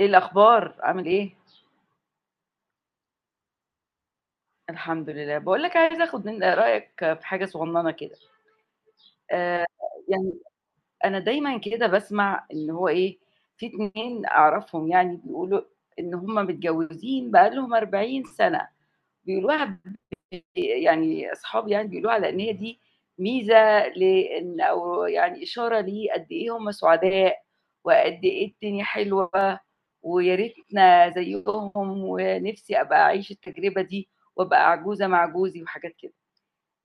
ايه الاخبار عامل ايه. الحمد لله. بقول لك عايزه اخد من رايك في حاجه صغننه كده. آه يعني انا دايما كده بسمع ان هو ايه. في اتنين اعرفهم يعني بيقولوا ان هم متجوزين بقالهم 40 سنه بيقولوها. أصحابي بيقولوا على إن هي دي ميزة لإن أو يعني إشارة لقد إيه هم سعداء، وقد إيه الدنيا حلوة، ويا ريتنا زيهم، ونفسي أبقى أعيش التجربة دي، وأبقى عجوزة مع جوزي وحاجات كده.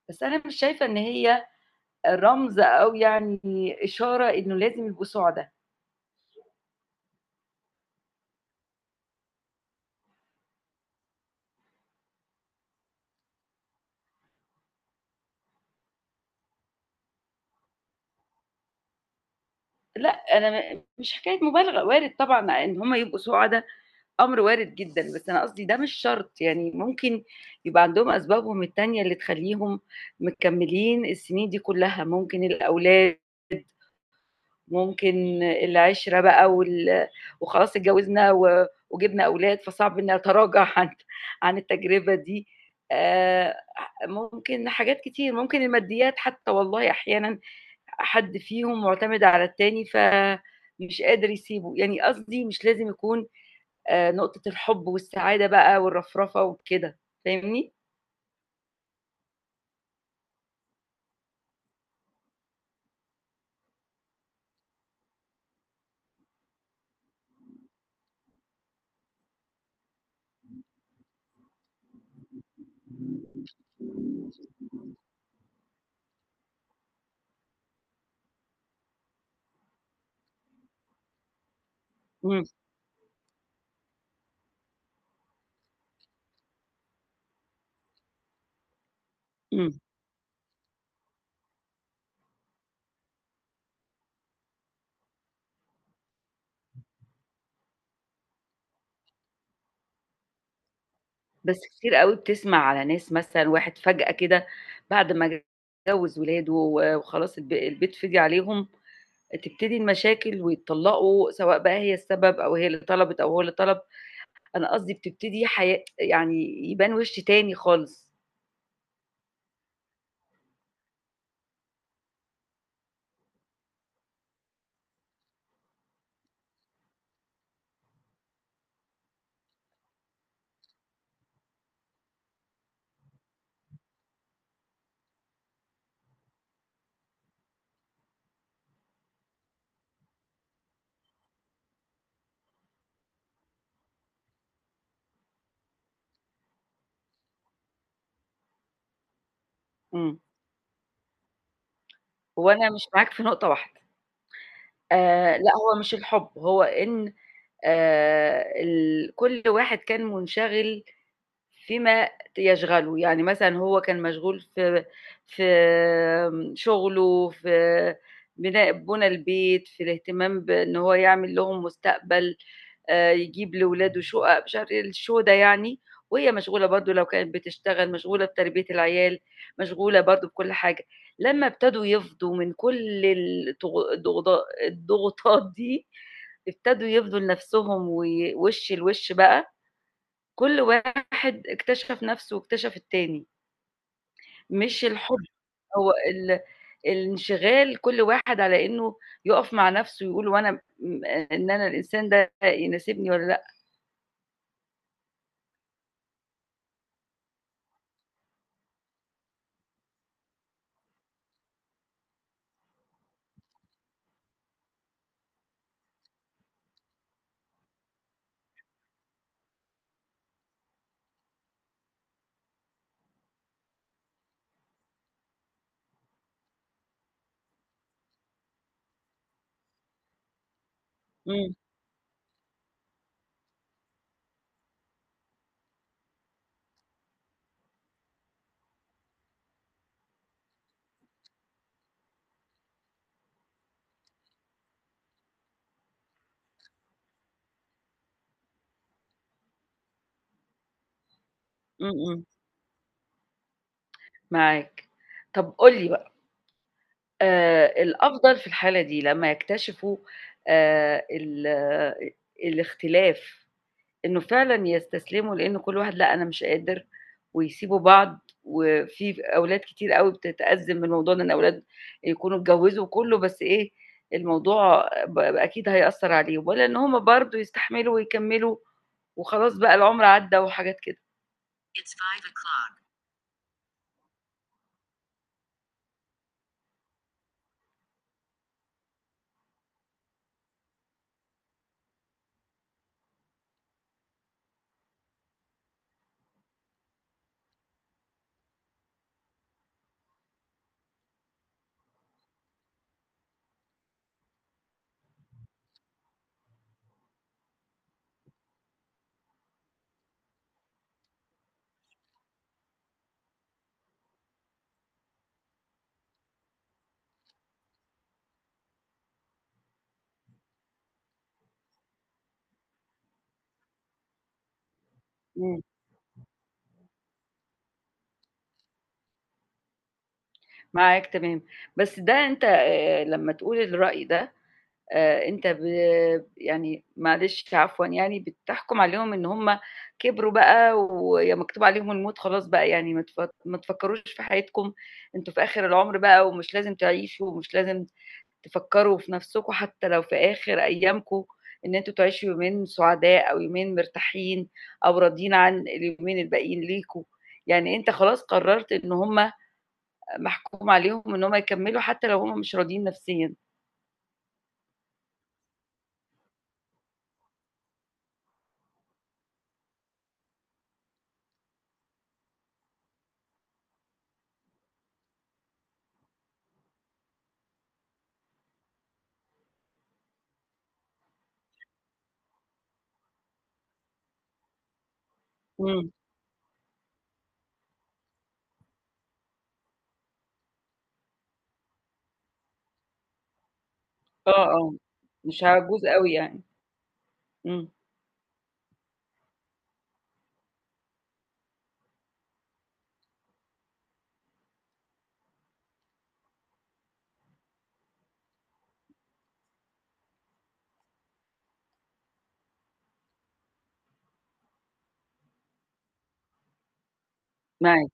بس أنا مش شايفة إن هي رمز أو إشارة إنه لازم يبقوا سُعدا. لأ، أنا مش حكاية مبالغة، وارد طبعًا إن هم يبقوا سُعدا، أمر وارد جدًا، بس أنا قصدي ده مش شرط، يعني ممكن يبقى عندهم أسبابهم التانية اللي تخلّيهم مكمّلين السنين دي كلّها، ممكن الأولاد، ممكن العِشرة بقى وخلاص اتجوّزنا وجِبنا أولاد، فصعب إني أتراجع عن التجربة دي. آآ، ممكن حاجات كتير، ممكن الماديات حتى والله أحيانًا حد فيهم مُعتمد على التاني فمش قادر يسيبه، يعني قصدي مش لازم يكون نقطة الحُب والسعادة بقى والرفرفة وكده، فاهمني؟ إمم، إمم. بس كتير أوي بتسمع على ناس مثلًا واحد فجأة كده بعد ما جوّز ولاده وخلاص البيت فِضِي عليهم، تبتدي المشاكل ويتطلّقوا، سواء بقى هي السبب أو هي اللي طلبِت أو هو اللي طلب، أنا قصدي بتبتدي حياة يعني يبان وِش تاني خالص. إمم. هو أنا مش معاك في نقطة واحدة. لأ، هو مش الحُب، هو إن ال كل واحد كان مُنشغِل فيما يشغله، يعني مثلًا هو كان مشغول في شغله، في بُنى البيت، في الاهتمام بإن هو يعمل لهم مستقبل، يجيب لولاده شُقق، مش عارف إيه الشو ده يعني، وهي مشغولة برضه لو كانت بتشتغل، مشغولة بتربية العيال، مشغولة برضه بكل حاجة. لمّا ابتدوا يفضوا من كل الضغوطات دي، ابتدوا يفضوا لنفسهم وي وِش لوِش بقى كل واحد اكتشف نَفْسه واكتشف التاني، مش الحُب، هو الانشغال كل واحد على إنه يُقف مع نَفْسه ويقول هو أنا م إن أنا الإنسان ده يناسبني والّا لأ. إمم، إمم، إمم، معاك. طَب قُل لي بقى الأفضل في الحالة دي لمّا يكتشفوا ال الاختلاف، إنه فعلًا يستسلموا، لإن كل واحد لأ أنا مش قادر، ويسيبوا بعض، وفي أولاد كتير أوي بتتأزم من موضوع إن الأولاد يكونوا اتجوزوا وكله، بس إيه الموضوع أكيد هيأثّر عليهم، والّا إن هُم برضه يستحملوا ويكمّلوا وخلاص بقى العُمر عدّى وحاجات كده. It's 5:00. إمم، معاك تمام، بس ده أنت لمّا تقول الرأي ده أنت ب يعني معلش عفوًا يعني بتحكُم عليهم إن هم كبروا بقى ويا مكتوب عليهم الموت خلاص بقى يعني ما تفكّروش في حياتكم، أنتم في آخر العُمر بقى ومش لازم تعيشوا ومش لازم تفكّروا في نَفْسكم حتّى لو في آخر أيامكم إن أنتم تعيشوا يومين سُعداء أو يومين مرتاحين أو راضيين عن اليومين الباقيين ليكم، يعني أنت خلاص قرّرت إن هم محكوم عليهم إن هم يكمّلوا حتّى لو هم مش راضيين نَفْسيًا. إمم. آه، آه، مش هاعوز أوي يعني. إمم، معاك.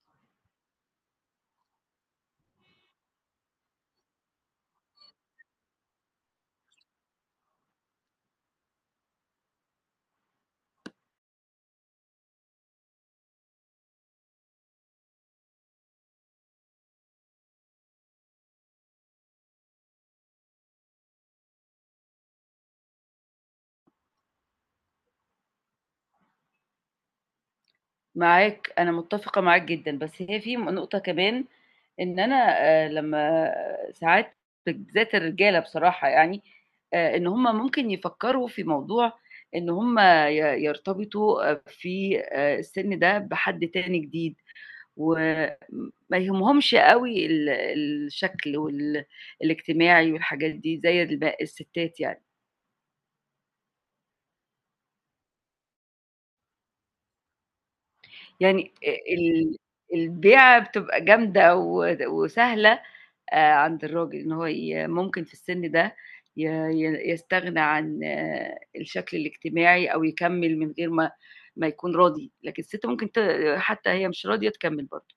معاك، أنا متّفقة معاك جدًا، بس هي في نقطة كمان إن أنا لمّا ساعات بالذات الرجالة بصراحة يعني، إن هُم ممكن يفكّروا في موضوع إن هُم ي يرتبطوا آه، في السن ده بحد تاني جديد، وما يهمهمش أوي الشكل الاجتماعي والحاجات دي زي الستات يعني. يعني ال البيعة بتبقى جامدة وسهلة عند الراجل، إن هو ممكن في السن ده ي ي يستغنى عن آه، الشكل الاجتماعي أو يكمّل من غير ما يكون راضي، لكن الست ممكن حتى هي مش راضية تكمّل برضه.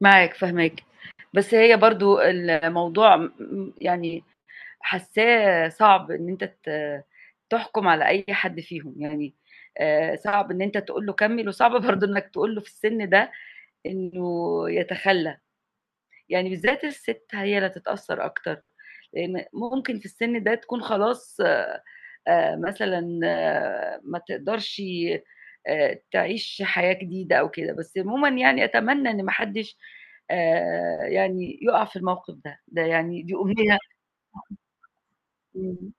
معاك، فاهماك. بس هي برضه الموضوع م م يعني حاسّاه صعب إن أنت تحكُم على أي حد فيهم، يعني صعب إن أنت تقول له كمّل وصعب برضه إنّك تقول له في السن ده إنه يتخلّى، يعني بالذات الست هي اللي هتتأثّر أكتر، لإن ممكن في السِن ده تكون خلاص مثلًا آه، ما تقدرش تعيش حياة جديدة أو كده، بس عمومًا يعني أتمنى إن ما حدّش يُقع في الموقف ده، ده يعني دي أمنية. إمم،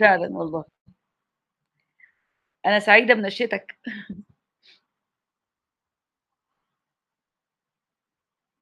فعلًا والله، أنا سعيدة بنشرتك.